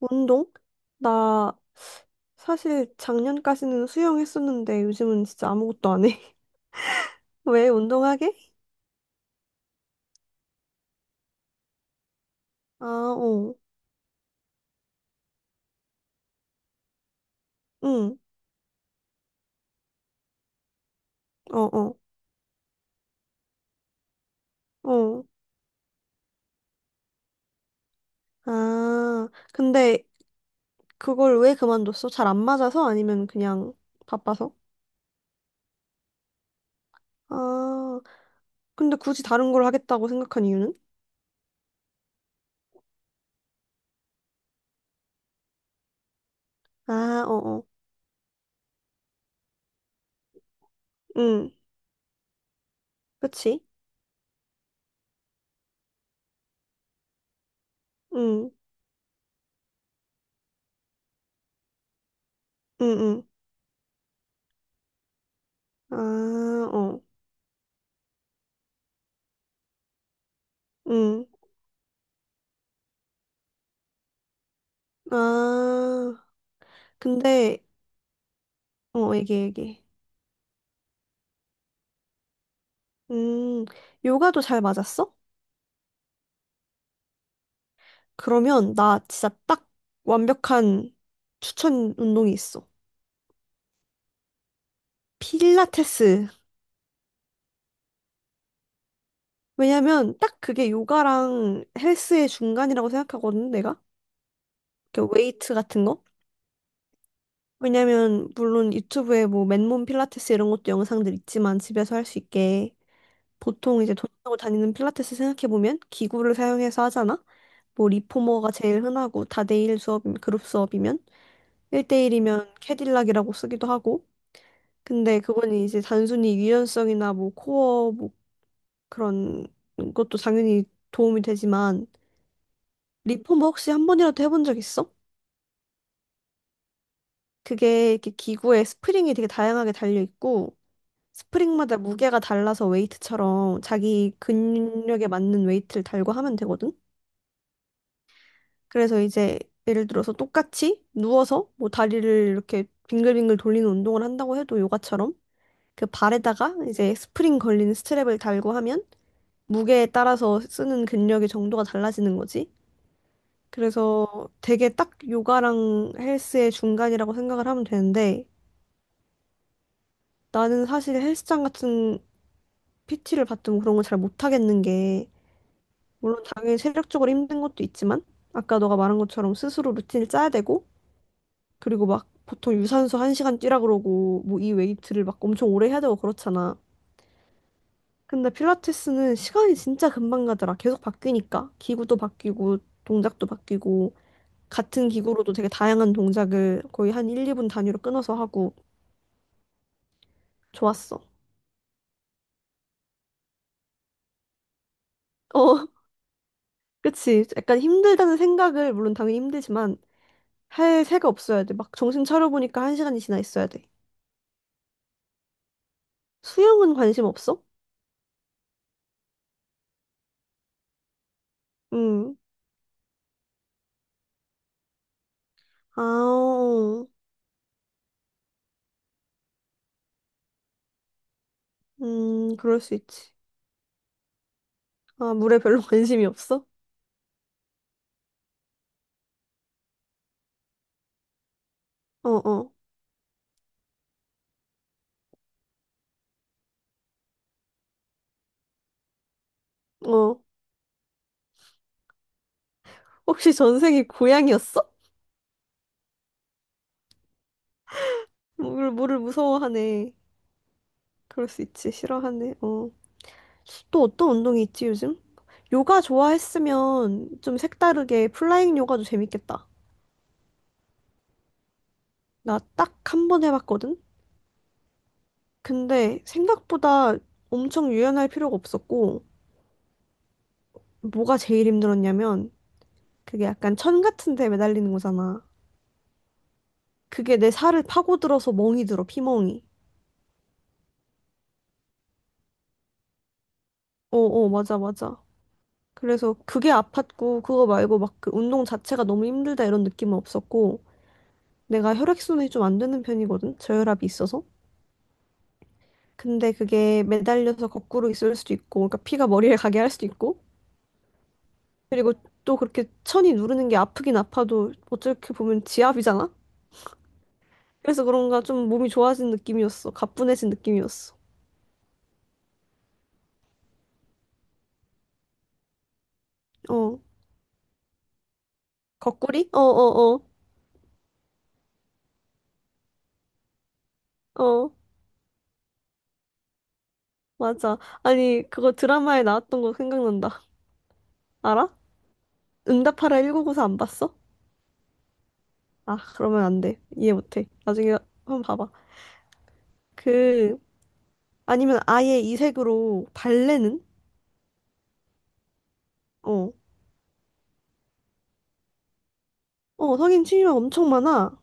운동? 나 사실 작년까지는 수영했었는데 요즘은 진짜 아무것도 안 해. 왜 운동하게? 아, 어. 응. 어, 어. 어. 아, 근데 그걸 왜 그만뒀어? 잘 안 맞아서 아니면 그냥 바빠서? 아, 근데 굳이 다른 걸 하겠다고 생각한 이유는? 아, 어, 어. 응. 그치? 응. 응, 응. 아, 어. 응. 아. 근데 어, 얘기해, 얘기해. 음, 요가도 잘 맞았어? 그러면 나 진짜 딱 완벽한 추천 운동이 있어. 필라테스. 왜냐면 딱 그게 요가랑 헬스의 중간이라고 생각하거든, 내가. 이렇게 웨이트 같은 거? 왜냐면 물론 유튜브에 뭐 맨몸 필라테스 이런 것도 영상들 있지만 집에서 할 수 있게 보통 이제 돈 내고 다니는 필라테스 생각해보면 기구를 사용해서 하잖아? 뭐 리포머가 제일 흔하고 다대일 수업이면 그룹 수업이면 1대1이면 캐딜락이라고 쓰기도 하고 근데 그건 이제 단순히 유연성이나 뭐 코어 뭐 그런 것도 당연히 도움이 되지만 리폼버 혹시 한 번이라도 해본 적 있어? 그게 이렇게 기구에 스프링이 되게 다양하게 달려 있고 스프링마다 무게가 달라서 웨이트처럼 자기 근력에 맞는 웨이트를 달고 하면 되거든. 그래서 이제 예를 들어서 똑같이 누워서 뭐 다리를 이렇게 빙글빙글 돌리는 운동을 한다고 해도 요가처럼 그 발에다가 이제 스프링 걸린 스트랩을 달고 하면 무게에 따라서 쓰는 근력의 정도가 달라지는 거지. 그래서 되게 딱 요가랑 헬스의 중간이라고 생각을 하면 되는데 나는 사실 헬스장 같은 PT를 받든 그런 걸 잘 못하겠는 게 물론 당연히 체력적으로 힘든 것도 있지만 아까 너가 말한 것처럼 스스로 루틴을 짜야 되고 그리고 막 보통 유산소 1시간 뛰라 그러고 뭐 이 웨이트를 막 엄청 오래 해야 되고 그렇잖아. 근데 필라테스는 시간이 진짜 금방 가더라. 계속 바뀌니까 기구도 바뀌고 동작도 바뀌고 같은 기구로도 되게 다양한 동작을 거의 한 1, 2분 단위로 끊어서 하고 좋았어. 어, 그치. 약간 힘들다는 생각을, 물론 당연히 힘들지만, 할 새가 없어야 돼. 막 정신 차려보니까 한 시간이 지나 있어야 돼. 수영은 관심 없어? 응. 아, 그럴 수 있지. 아, 물에 별로 관심이 없어? 어, 어, 어. 혹시 전생이 고양이였어? 물을 무서워하네. 그럴 수 있지. 싫어하네. 어. 또 어떤 운동이 있지 요즘? 요가 좋아했으면 좀 색다르게 플라잉 요가도 재밌겠다. 나 딱 한 번 해봤거든? 근데 생각보다 엄청 유연할 필요가 없었고, 뭐가 제일 힘들었냐면, 그게 약간 천 같은 데 매달리는 거잖아. 그게 내 살을 파고들어서 멍이 들어, 피멍이. 어어, 맞아, 맞아. 그래서 그게 아팠고, 그거 말고 막 그 운동 자체가 너무 힘들다 이런 느낌은 없었고, 내가 혈액순환이 좀 안 되는 편이거든? 저혈압이 있어서. 근데 그게 매달려서 거꾸로 있을 수도 있고, 그러니까 피가 머리를 가게 할 수도 있고, 그리고 또 그렇게 천이 누르는 게 아프긴 아파도 어떻게 보면 지압이잖아? 그래서 그런가 좀 몸이 좋아진 느낌이었어. 가뿐해진 느낌이었어. 어, 거꾸리? 어, 어, 어, 어, 맞아. 아니, 그거 드라마에 나왔던 거 생각난다. 알아? 응답하라 1구9 4 안 봤어? 아, 그러면 안 돼. 이해 못 해. 나중에 한번 봐봐. 그, 아니면 아예 이색으로 발레는? 어, 어, 성인 취미가 엄청 많아.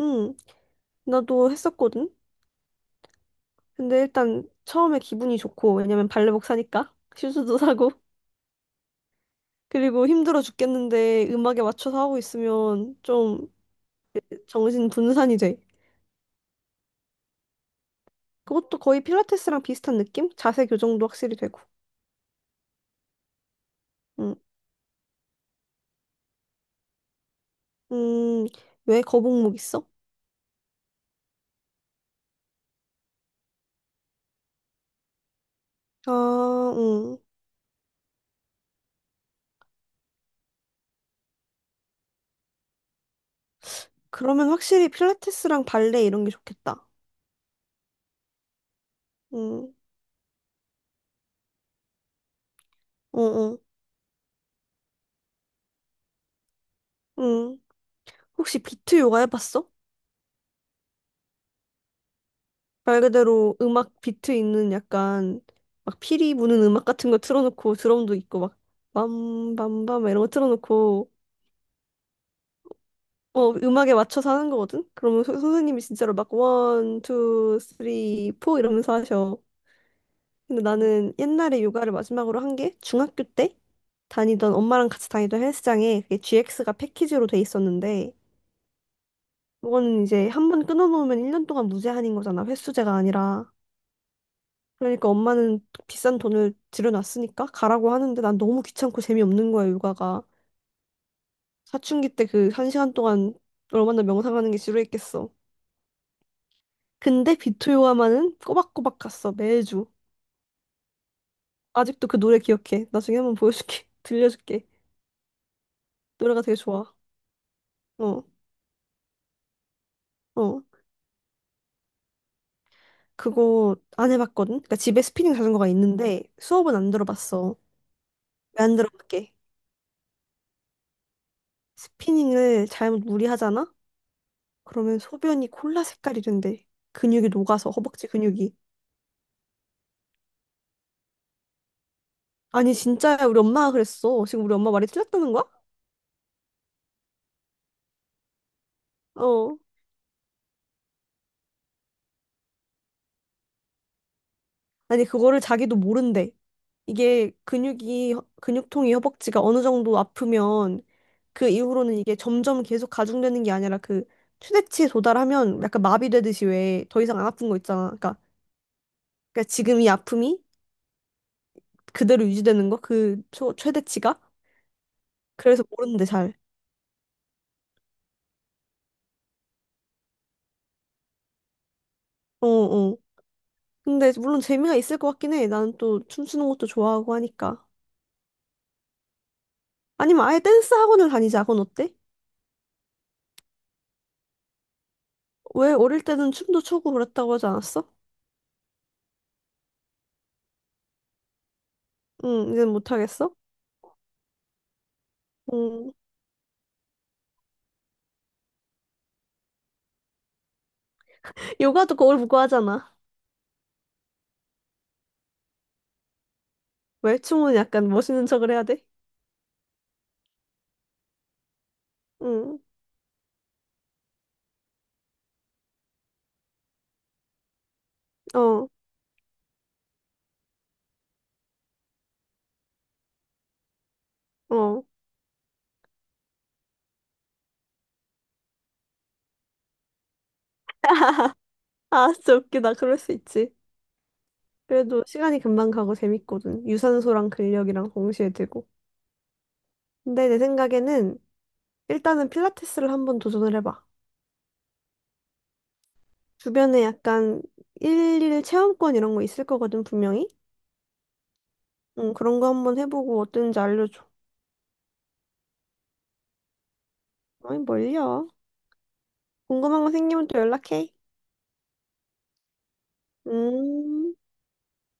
응, 나도 했었거든. 근데 일단 처음에 기분이 좋고, 왜냐면 발레복 사니까 슈즈도 사고, 그리고 힘들어 죽겠는데 음악에 맞춰서 하고 있으면 좀 정신 분산이 돼. 그것도 거의 필라테스랑 비슷한 느낌? 자세 교정도 확실히 되고. 응, 음, 왜 거북목 있어? 아, 응. 그러면 확실히 필라테스랑 발레 이런 게 좋겠다. 응, 응 응 응. 혹시 비트 요가 해봤어? 말 그대로 음악 비트 있는 약간 막 피리 부는 음악 같은 거 틀어놓고 드럼도 있고 막 빰빰빰 이런 거 틀어놓고 어 음악에 맞춰서 하는 거거든? 그러면 선생님이 진짜로 막 원, 투, 쓰리, 포 이러면서 하셔. 근데 나는 옛날에 요가를 마지막으로 한 게 중학교 때 다니던 엄마랑 같이 다니던 헬스장에 그게 GX가 패키지로 돼 있었는데 그거는 이제 한 번 끊어놓으면 1년 동안 무제한인 거잖아. 횟수제가 아니라. 그러니까 엄마는 비싼 돈을 들여놨으니까 가라고 하는데 난 너무 귀찮고 재미없는 거야, 육아가. 사춘기 때 그 한 시간 동안 얼마나 명상하는 게 지루했겠어. 근데 비토 요아만은 꼬박꼬박 갔어, 매주. 아직도 그 노래 기억해. 나중에 한번 보여줄게. 들려줄게. 노래가 되게 좋아. 어, 어. 그거 안 해봤거든? 그러니까 집에 스피닝 자전거가 있는데 수업은 안 들어봤어. 왜 안 들어봤게? 스피닝을 잘못 무리하잖아? 그러면 소변이 콜라 색깔이 된대. 근육이 녹아서 허벅지 근육이. 아니, 진짜야. 우리 엄마가 그랬어. 지금 우리 엄마 말이 틀렸다는 거야? 어. 아니, 그거를 자기도 모른대. 이게 근육이, 근육통이 허벅지가 어느 정도 아프면 그 이후로는 이게 점점 계속 가중되는 게 아니라 그 최대치에 도달하면 약간 마비되듯이 왜 더 이상 안 아픈 거 있잖아. 그러니까, 그러니까 지금 이 아픔이 그대로 유지되는 거? 최대치가? 그래서 모른대, 잘. 어, 어. 근데 물론 재미가 있을 것 같긴 해. 나는 또 춤추는 것도 좋아하고 하니까. 아니면 아예 댄스 학원을 다니자. 그건 어때? 왜 어릴 때는 춤도 추고 그랬다고 하지 않았어? 응, 이제 못하겠어? 응. 요가도 거울 보고 하잖아. 왜? 춤은 약간 멋있는 척을 해야 돼? 응, 어, 어. 아, 진짜 웃기다. 그럴 수 있지. 그래도 시간이 금방 가고 재밌거든. 유산소랑 근력이랑 동시에 되고. 근데 내 생각에는 일단은 필라테스를 한번 도전을 해봐. 주변에 약간 일일 체험권 이런 거 있을 거거든, 분명히. 응, 그런 거 한번 해보고 어땠는지 알려줘. 아니, 뭘요? 궁금한 거 생기면 또 연락해. 음,